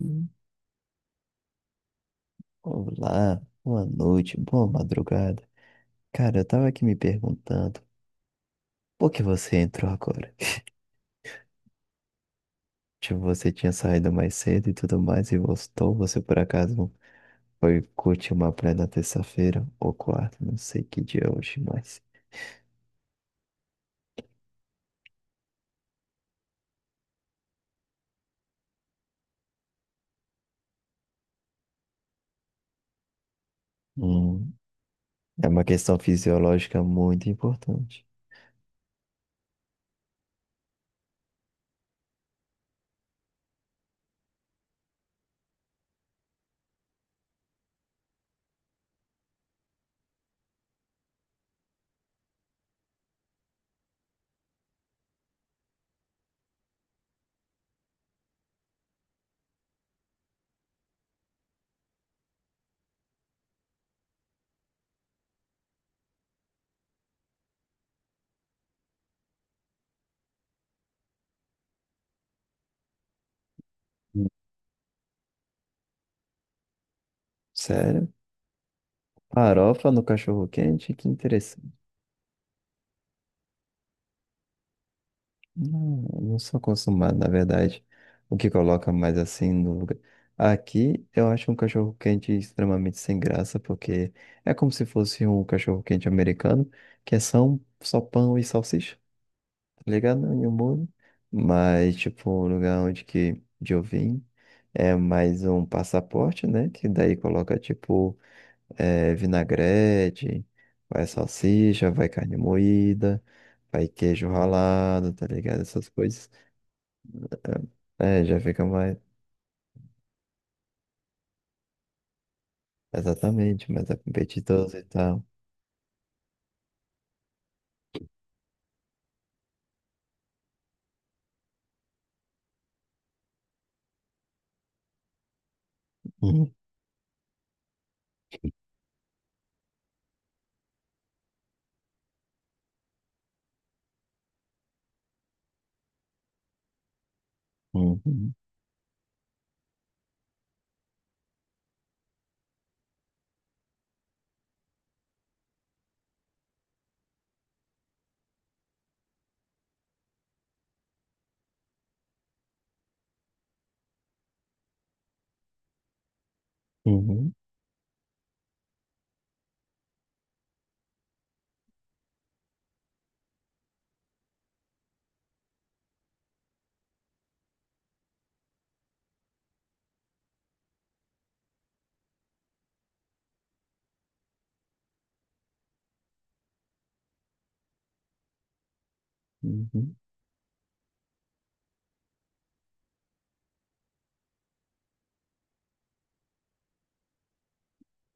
Hum, Olá, boa noite, boa madrugada. Cara, eu tava aqui me perguntando, por que você entrou agora? Tipo, você tinha saído mais cedo e tudo mais e voltou, você por acaso foi curtir uma praia na terça-feira ou quarta, não sei que dia é hoje, mas... hum, É uma questão fisiológica muito importante. Hum. Sério? Farofa no cachorro-quente, que Não, eu não sou acostumado, na verdade. O que coloca mais assim no lugar. Aqui eu acho um cachorro quente extremamente sem graça, porque é como se fosse um cachorro quente americano, que é só, só pão e salsicha, tá ligado? E um molho. Mas, tipo, o lugar onde que de eu vim é mais um passaporte, né? Que daí coloca, tipo, vinagrete, vai salsicha, vai carne moída. Vai queijo ralado, tá ligado? Essas coisas. É, já fica mais. Exatamente, mas é competidor e tal. Uhum, uhum, uhum, uhum,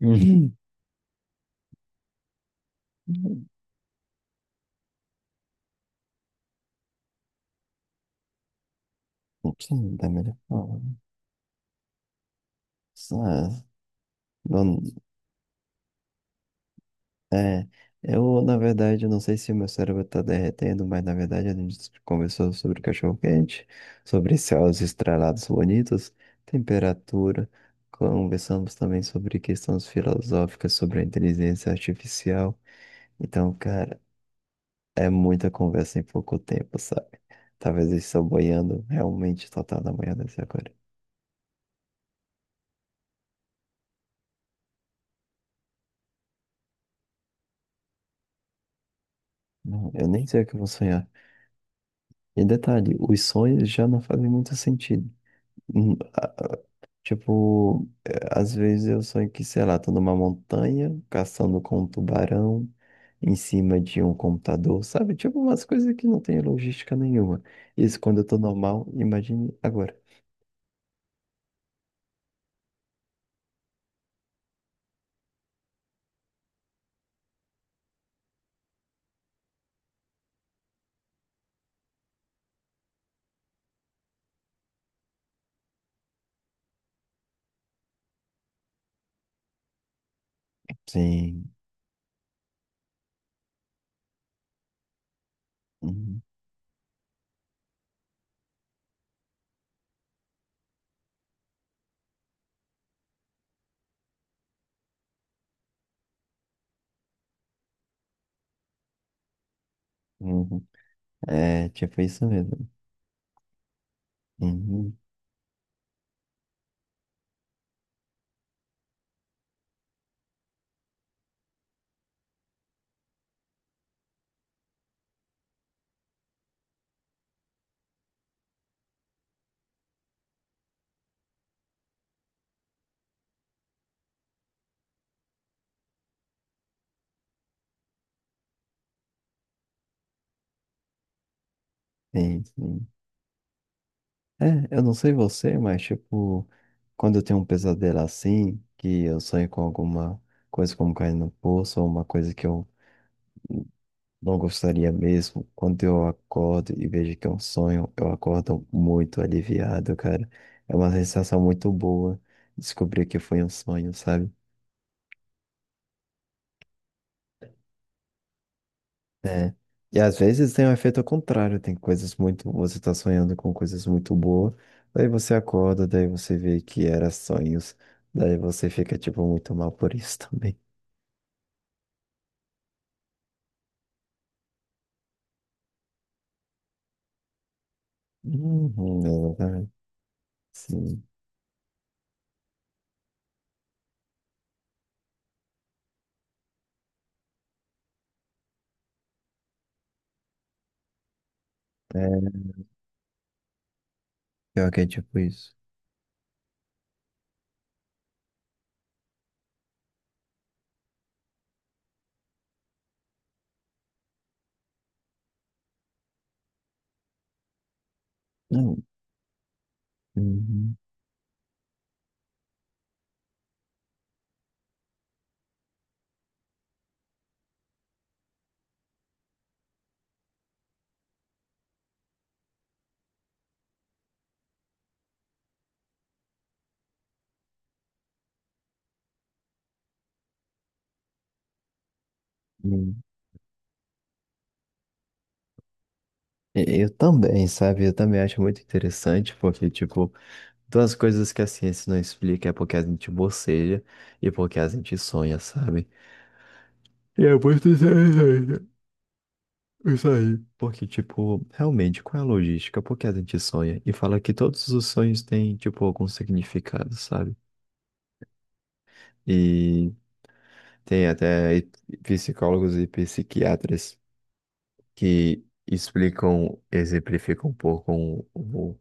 uhum, uhum. Sim, da melhor forma. Só- não- É, eu, na verdade, eu não sei se meu cérebro tá derretendo, mas na verdade a gente conversou sobre cachorro-quente, sobre céus estrelados bonitos, temperatura. Conversamos também sobre questões filosóficas, sobre a inteligência artificial. Então, cara. É muita conversa em pouco tempo, sabe? Talvez eu estou boiando realmente total na manhã desse agora. Não, eu nem sei o que eu vou sonhar. E detalhe, os sonhos já não fazem muito sentido. Ah, Tipo, às vezes eu sonho que, sei lá, tô numa montanha, caçando com um tubarão, em cima de um computador, sabe? Tipo, umas coisas que não tem logística nenhuma. Isso quando eu tô normal, imagine agora. Sim. Uhum, uhum. É, tipo isso mesmo. Uhum. Sim, sim. É, eu não sei você, mas tipo, quando eu tenho um pesadelo assim, que eu sonho com alguma coisa como cair no poço, ou uma coisa que eu não gostaria mesmo, quando eu acordo e vejo que é um sonho, eu acordo muito aliviado, cara. É uma sensação muito boa descobrir que foi um sonho, sabe? É. E às vezes tem um efeito ao contrário, tem coisas muito. Você tá sonhando com coisas muito boas, daí você acorda, daí você vê que era sonhos, daí você fica, tipo, muito mal por isso também. Uhum, exatamente. Sim. É, pior que é tipo isso. Não. Uhum. Uhum. Eu também, sabe? Eu também acho muito interessante, porque, tipo, duas coisas que a ciência não explica é porque a gente boceja e porque a gente sonha, sabe? E é muito interessante. Isso aí. Porque, tipo, realmente, qual é a logística? Por que a gente sonha? E fala que todos os sonhos têm, tipo, algum significado, sabe? E tem até psicólogos e psiquiatras, que explicam, exemplificam um pouco o,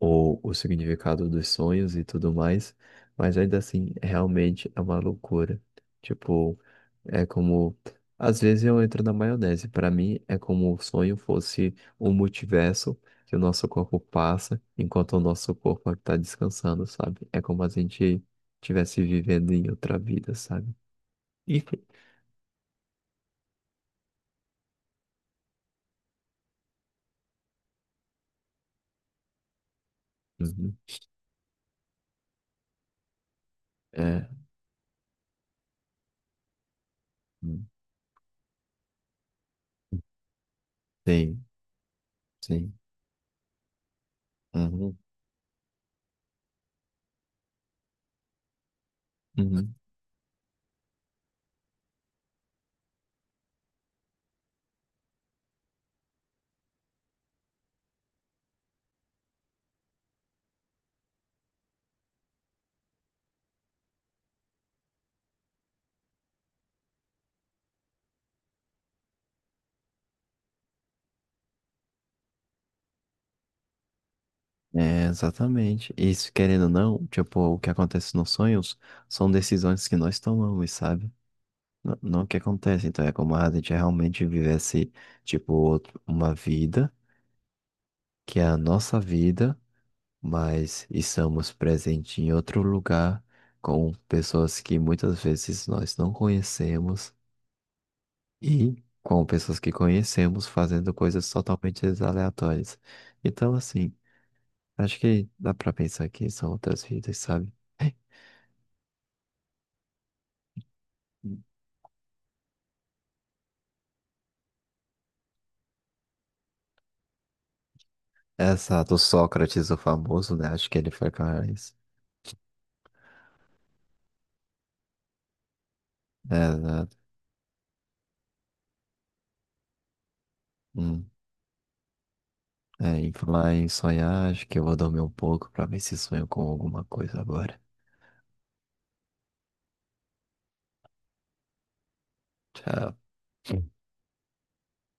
o significado dos sonhos e tudo mais, mas ainda assim, realmente é uma loucura. Tipo, é como. Às vezes eu entro na maionese. Para mim, é como o sonho fosse um multiverso que o nosso corpo passa enquanto o nosso corpo está descansando, sabe? É como a gente estivesse vivendo em outra vida, sabe? Enfim. Uhum. É. Hum. Sim, sim. Uhum. Uhum. É, exatamente. Isso, querendo ou não, tipo, o que acontece nos sonhos são decisões que nós tomamos, sabe? Não, não o que acontece. Então é como a gente realmente vivesse, tipo, uma vida que é a nossa vida, mas estamos presentes em outro lugar com pessoas que muitas vezes nós não conhecemos e com pessoas que conhecemos fazendo coisas totalmente aleatórias. Então, assim, acho que dá pra pensar que são outras vidas, sabe? Exato, Sócrates, o famoso, né? Acho que ele foi cara isso. É, exato. Hum. É, e falar em sonhar, acho que eu vou dormir um pouco pra ver se sonho com alguma coisa agora. Tchau.